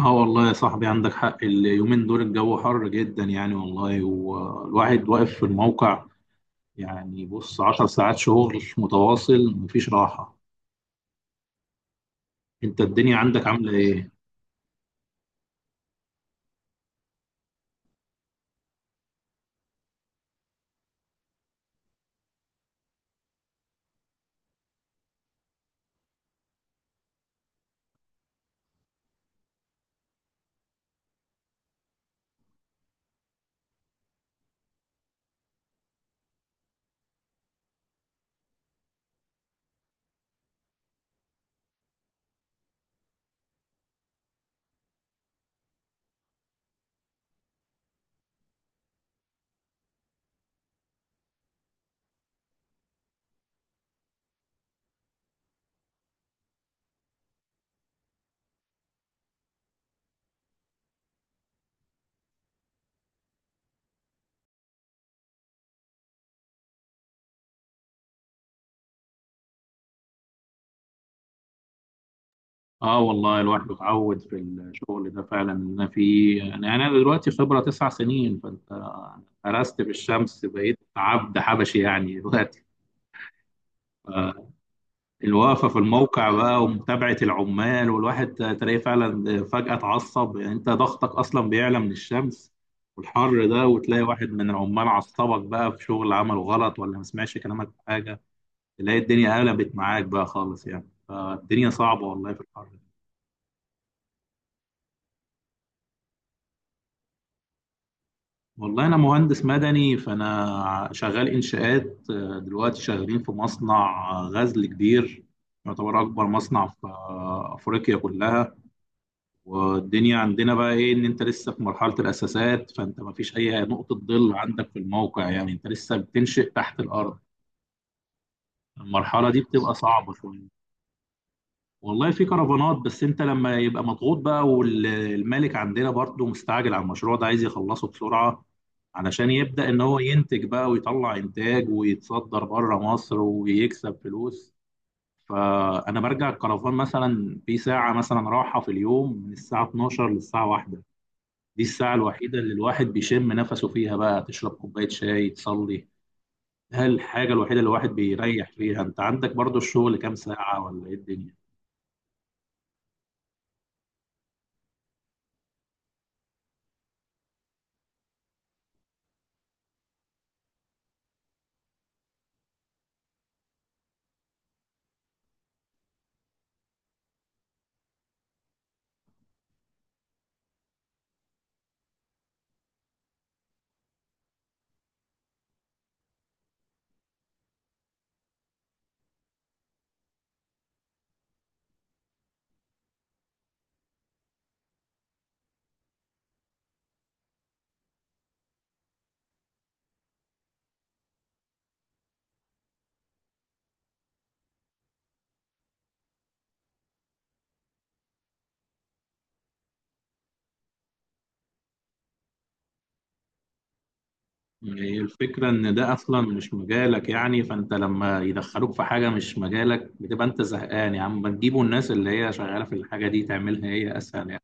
اه والله يا صاحبي، عندك حق. اليومين دول الجو حر جدا يعني والله، والواحد واقف في الموقع يعني، بص، عشر ساعات شغل متواصل، مفيش راحة. انت الدنيا عندك عاملة ايه؟ اه والله الواحد اتعود في الشغل ده فعلا ان انا فيه يعني انا دلوقتي خبرة تسع سنين، فانت قرست في الشمس، بقيت عبد حبشي يعني دلوقتي. آه. الوقفة في الموقع بقى ومتابعة العمال، والواحد تلاقيه فعلا فجأة اتعصب يعني، انت ضغطك اصلا بيعلى من الشمس والحر ده، وتلاقي واحد من العمال عصبك بقى في شغل عمله غلط، ولا ما سمعش كلامك في حاجة، تلاقي الدنيا قلبت معاك بقى خالص يعني. فالدنيا صعبة والله في الحر ده. والله انا مهندس مدني، فانا شغال انشاءات. دلوقتي شغالين في مصنع غزل كبير، يعتبر اكبر مصنع في افريقيا كلها. والدنيا عندنا بقى ايه؟ ان انت لسه في مرحله الاساسات، فانت ما فيش اي نقطه ظل عندك في الموقع يعني، انت لسه بتنشئ تحت الارض. المرحله دي بتبقى صعبه شويه. والله في كرفانات، بس انت لما يبقى مضغوط بقى، والمالك عندنا برضه مستعجل على المشروع ده، عايز يخلصه بسرعه علشان يبدا ان هو ينتج بقى ويطلع انتاج ويتصدر بره مصر ويكسب فلوس. فانا برجع الكرفان مثلا في ساعه مثلا راحه في اليوم، من الساعه 12 للساعه 1. دي الساعة الوحيدة اللي الواحد بيشم نفسه فيها بقى، تشرب كوباية شاي، تصلي. هل الحاجة الوحيدة اللي الواحد بيريح فيها. انت عندك برضو الشغل كام ساعة ولا ايه الدنيا؟ يعني هي الفكرة ان ده اصلا مش مجالك يعني، فانت لما يدخلوك في حاجة مش مجالك بتبقى انت زهقان. يا عم ما تجيبوا الناس اللي هي شغالة في الحاجة دي، تعملها هي اسهل يعني.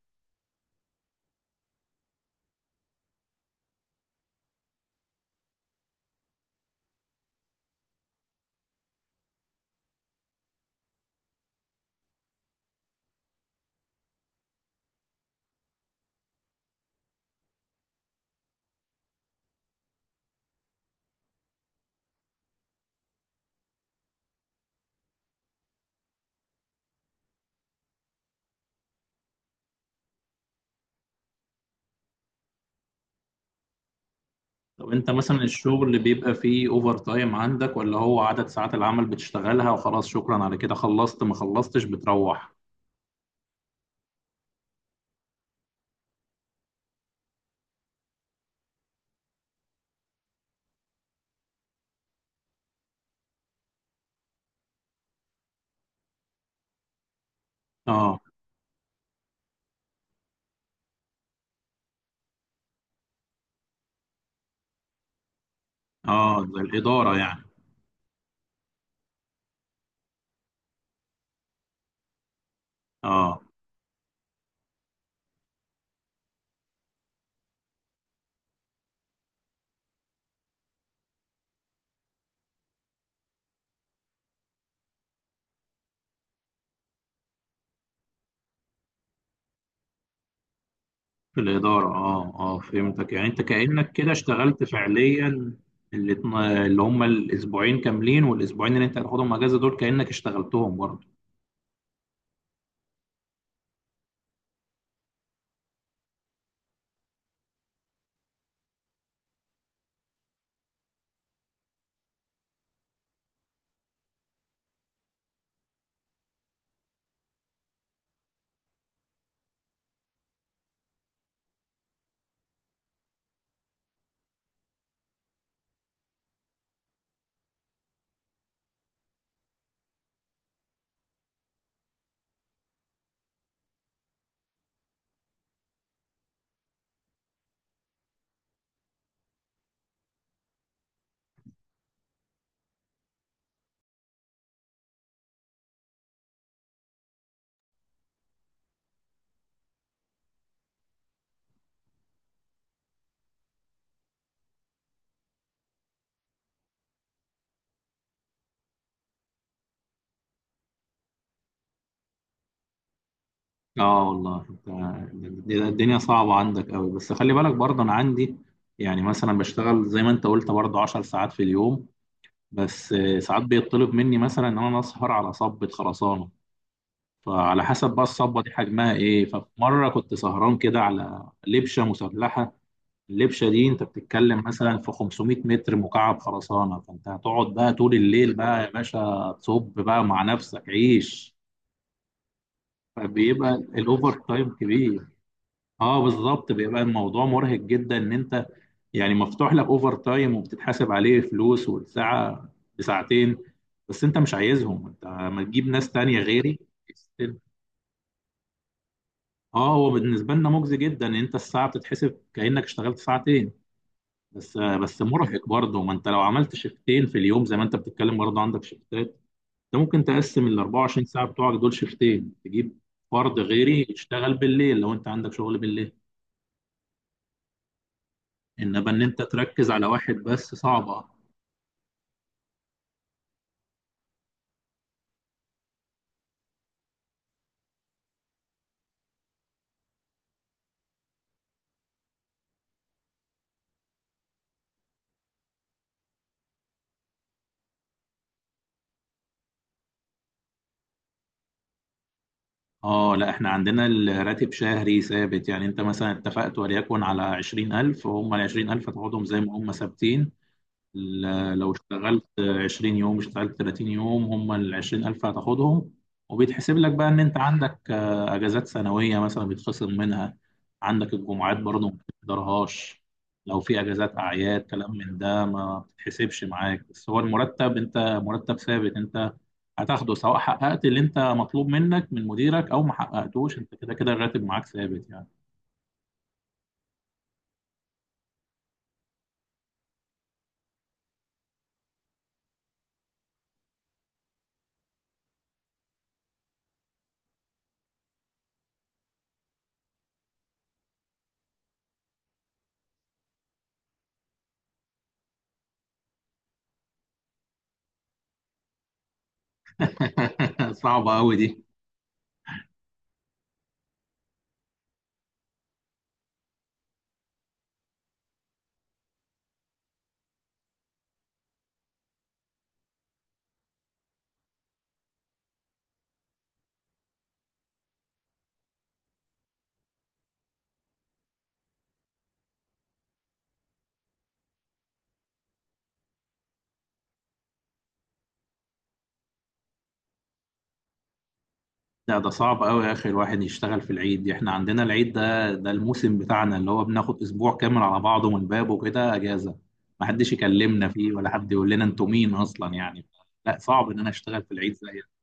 طب انت مثلا الشغل اللي بيبقى فيه اوفر تايم عندك، ولا هو عدد ساعات العمل بتشتغلها وخلاص، شكرا على كده، خلصت ما خلصتش بتروح؟ اه، اه، زي الإدارة يعني. اه، في الإدارة، اه، اه، فهمتك يعني. انت كأنك كده اشتغلت فعليا. اللي اللي هم الأسبوعين كاملين، والأسبوعين اللي انت هتاخدهم اجازة دول كأنك اشتغلتهم برضه. اه والله انت، الدنيا صعبة عندك قوي، بس خلي بالك برضه انا عندي. يعني مثلا بشتغل زي ما انت قلت برضه 10 ساعات في اليوم. بس ساعات بيطلب مني مثلا ان انا اسهر على صبة خرسانة. فعلى حسب بقى الصبة دي حجمها ايه. ففي مرة كنت سهران كده على لبشة مسلحة. اللبشه دي انت بتتكلم مثلا في 500 متر مكعب خرسانه، فانت هتقعد بقى طول الليل بقى يا باشا تصب بقى مع نفسك عيش. فبيبقى الاوفر تايم كبير. اه بالظبط، بيبقى الموضوع مرهق جدا ان انت يعني مفتوح لك اوفر تايم وبتتحاسب عليه فلوس، والساعه بساعتين. بس انت مش عايزهم، انت ما تجيب ناس تانية غيري. اه هو بالنسبه لنا مجزي جدا، ان انت الساعه بتتحسب كانك اشتغلت ساعتين. بس مرهق برضه، ما انت لو عملت شيفتين في اليوم زي ما انت بتتكلم برضه عندك شيفتات. انت ممكن تقسم ال 24 ساعه بتوعك دول شيفتين، تجيب فرد غيري يشتغل بالليل لو انت عندك شغل بالليل. انما ان انت تركز على واحد بس صعبه. اه، لا احنا عندنا الراتب شهري ثابت يعني، انت مثلا اتفقت وليكن على 20,000، وهم ال 20,000 هتقعدهم زي ما هم ثابتين. لو اشتغلت 20 يوم اشتغلت 30 يوم، هم ال 20,000 هتاخدهم. وبيتحسب لك بقى ان انت عندك اجازات سنويه مثلا بيتخصم منها. عندك الجمعات برضه ما بتقدرهاش. لو في اجازات اعياد كلام من ده ما بتتحسبش معاك. بس هو المرتب، انت مرتب ثابت، انت هتاخده سواء حققت اللي انت مطلوب منك من مديرك او ما حققتوش، انت كده كده الراتب معاك ثابت يعني. صعبه قوي دي. لا ده صعب قوي يا اخي الواحد يشتغل في العيد. احنا عندنا العيد ده ده الموسم بتاعنا، اللي هو بناخد اسبوع كامل على بعضه من بابه كده اجازه. ما حدش يكلمنا فيه ولا حد يقول لنا انتوا مين اصلا يعني. لا صعب ان انا اشتغل في العيد زي ده.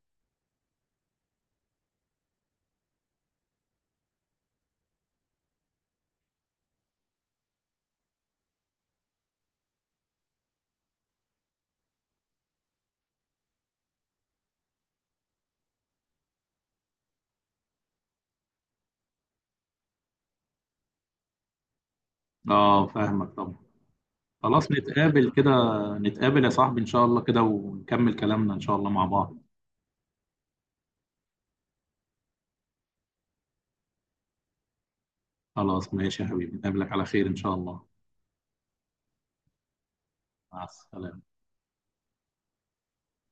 اه فاهمك طبعا. خلاص نتقابل كده، نتقابل يا صاحبي ان شاء الله كده ونكمل كلامنا ان شاء الله مع بعض. خلاص ماشي يا حبيبي، نقابلك على خير ان شاء الله. مع السلامه.